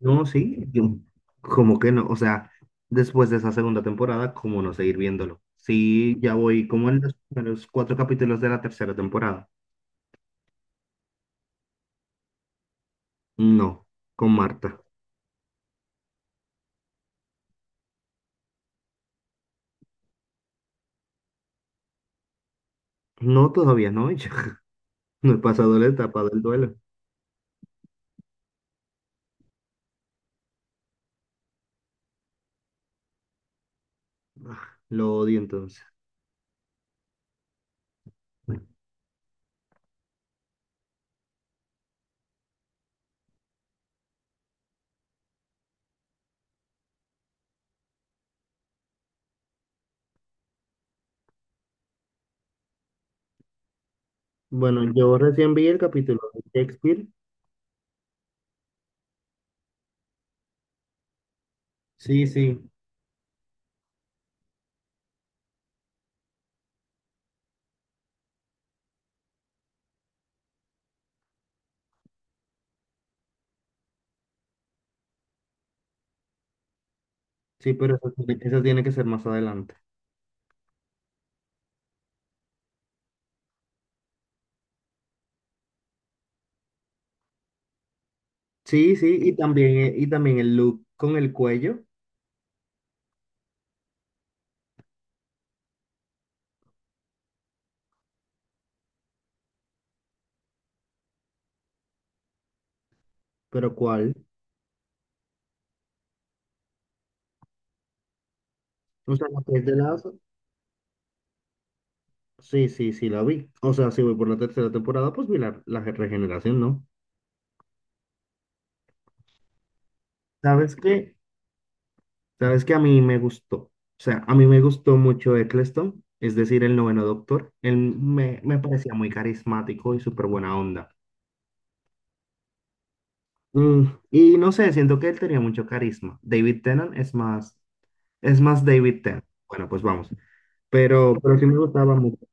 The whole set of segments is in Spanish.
No, sí, como que no, o sea, después de esa segunda temporada, ¿cómo no seguir viéndolo? Sí, ya voy como en los primeros cuatro capítulos de la tercera temporada. No, con Marta. No, todavía no, ya no he pasado la etapa del duelo. Ah, lo odio entonces. Bueno, yo recién vi el capítulo de Shakespeare. Sí, sí, sí, pero eso tiene que ser más adelante. Sí, sí, y también el look con el cuello, pero ¿cuál? O sea, lo que es de lado. Sí, sí, sí, la vi. O sea, si voy por la tercera temporada, pues vi la regeneración, ¿no? ¿Sabes qué? ¿Sabes qué? A mí me gustó. O sea, a mí me gustó mucho Eccleston, es decir, el noveno doctor. Él me parecía muy carismático y súper buena onda. Mm, y no sé, siento que él tenía mucho carisma. David Tennant es más David Tennant. Bueno, pues vamos. Pero sí me gustaba mucho.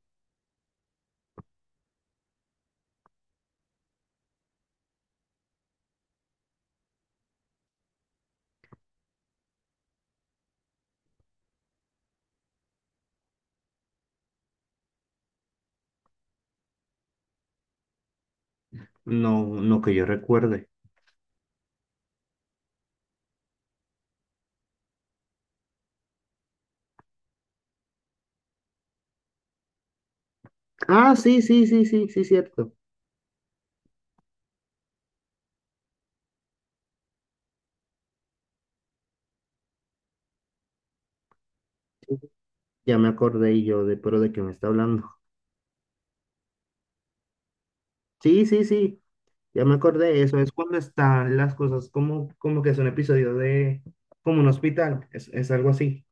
No, no que yo recuerde. Ah, sí, sí, sí, sí, sí, cierto. Ya me acordé y yo de, pero ¿de qué me está hablando? Sí, sí, sí, ya me acordé eso. Es cuando están las cosas como que es un episodio como un hospital, es algo así.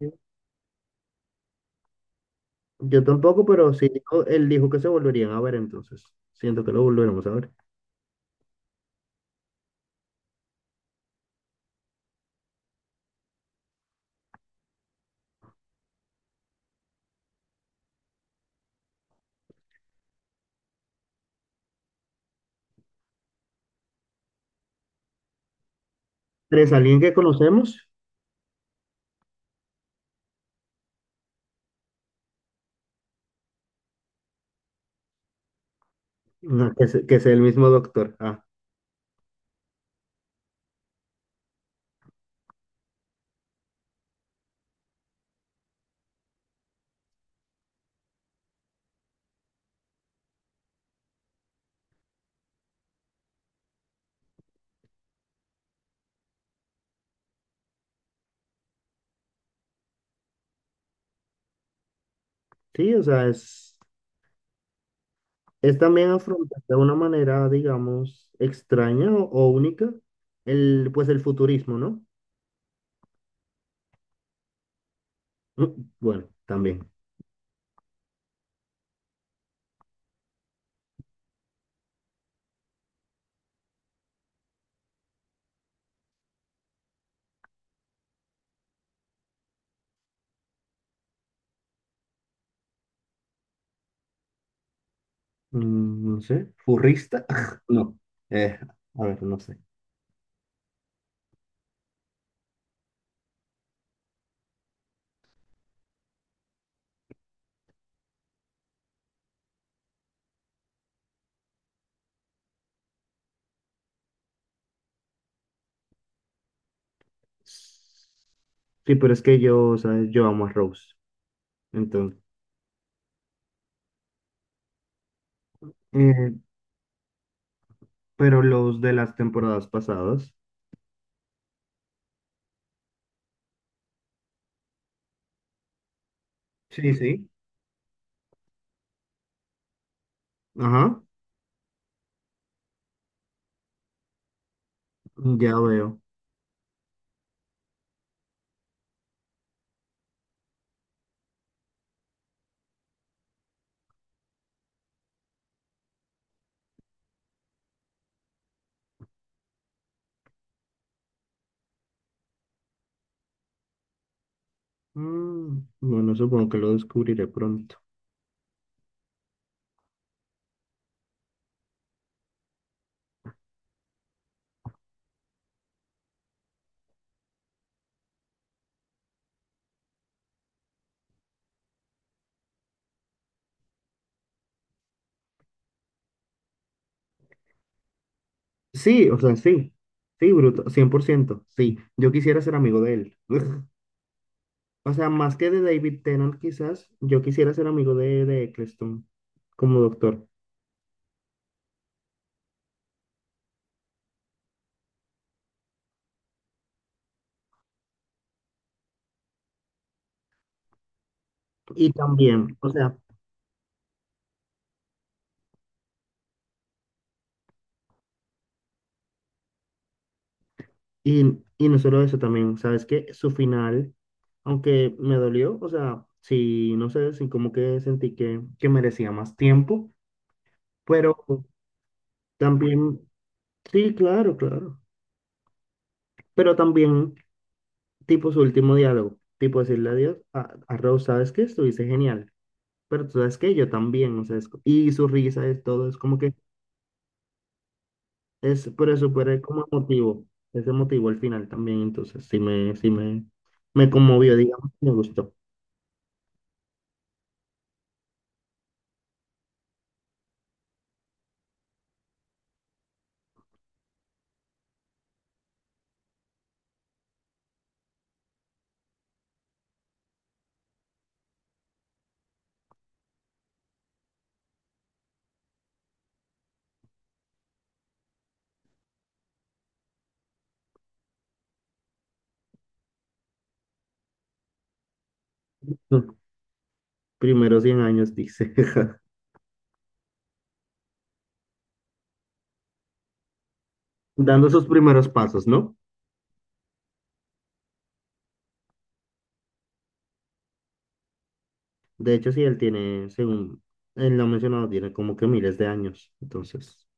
Sí. Yo tampoco, pero sí, él dijo que se volverían a ver, entonces siento que lo volveremos a ver. ¿Tres, alguien que conocemos? No, que sea el mismo doctor. Ah, sí, o sea, es también afrontar de una manera, digamos, extraña o única pues el futurismo, ¿no? Mm, Bueno, también. No sé, furrista. No. Eh, a ver, no sé. Sí, pero es que yo, ¿sabes? Yo amo a Rose. Entonces, eh, pero los de las temporadas pasadas. Sí, sí. Ajá, ya veo. Bueno, supongo que lo descubriré pronto. Sí, o sea, sí. Sí, bruto, 100%. Sí, yo quisiera ser amigo de él. O sea, más que de David Tennant, quizás, yo quisiera ser amigo de Eccleston como doctor. Y también, o sea, y no solo eso también, ¿sabes qué? Su final, aunque me dolió, o sea, sí, no sé, sí como que sentí que merecía más tiempo, pero también, sí, claro, claro, pero también, tipo su último diálogo, tipo decirle adiós a Rose, ¿sabes qué? Estuviste genial, pero tú sabes que yo también, o sea, y su risa es todo, es como que, pero es súper como emotivo, es emotivo al final también, entonces sí me conmovió, digamos, me gustó. Primeros 100 años, dice. Dando sus primeros pasos, ¿no? De hecho, sí, él tiene, según él lo ha mencionado, tiene como que miles de años. Entonces,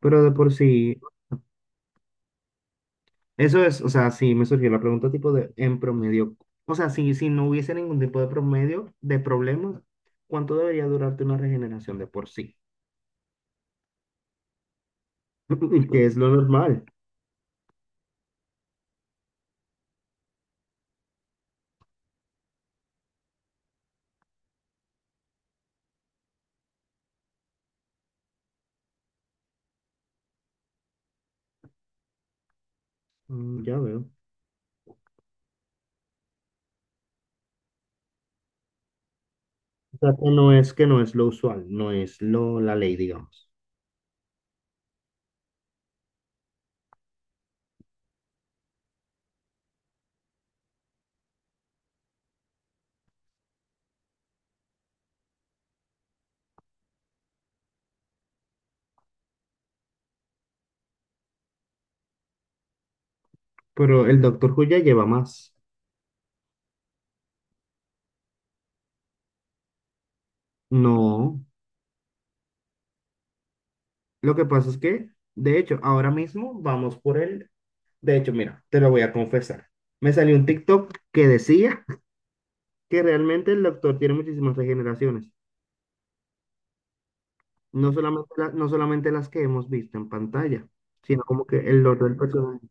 pero de por sí, eso es, o sea, sí me surgió la pregunta tipo de, en promedio, o sea, si no hubiese ningún tipo de promedio de problemas, ¿cuánto debería durarte una regeneración de por sí? Que es lo normal. Ya veo. O sea, que no es lo usual, no es la ley, digamos. Pero el Doctor Who ya lleva más. No, lo que pasa es que, de hecho, ahora mismo vamos por el... De hecho, mira, te lo voy a confesar. Me salió un TikTok que decía que realmente el doctor tiene muchísimas regeneraciones. No solamente, no solamente las que hemos visto en pantalla, sino como que el otro del personaje.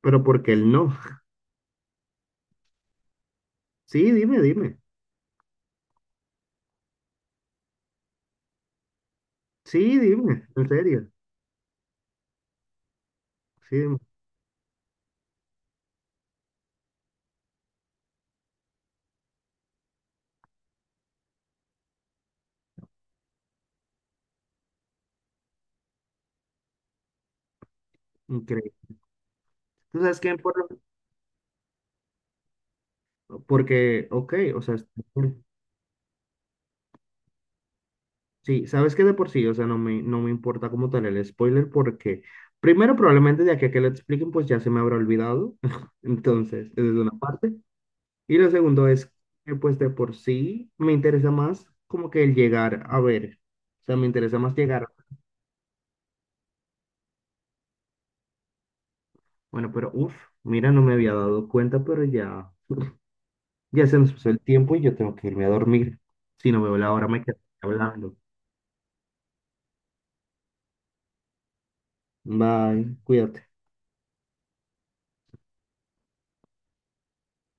Pero porque él no. Sí, dime, dime. Sí, dime. En serio. Sí, dime. Increíble. ¿Tú sabes quién? Porque, ok, o sea, sí, sabes que de por sí, o sea, no me importa como tal el spoiler porque primero probablemente de aquí a que lo expliquen pues ya se me habrá olvidado, entonces, esa es una parte. Y lo segundo es que pues de por sí me interesa más como que el llegar a ver, o sea, me interesa más llegar. Bueno, pero uff, mira, no me había dado cuenta, pero ya se nos pasó el tiempo y yo tengo que irme a dormir. Si no veo la hora me quedo hablando. Bye, cuídate.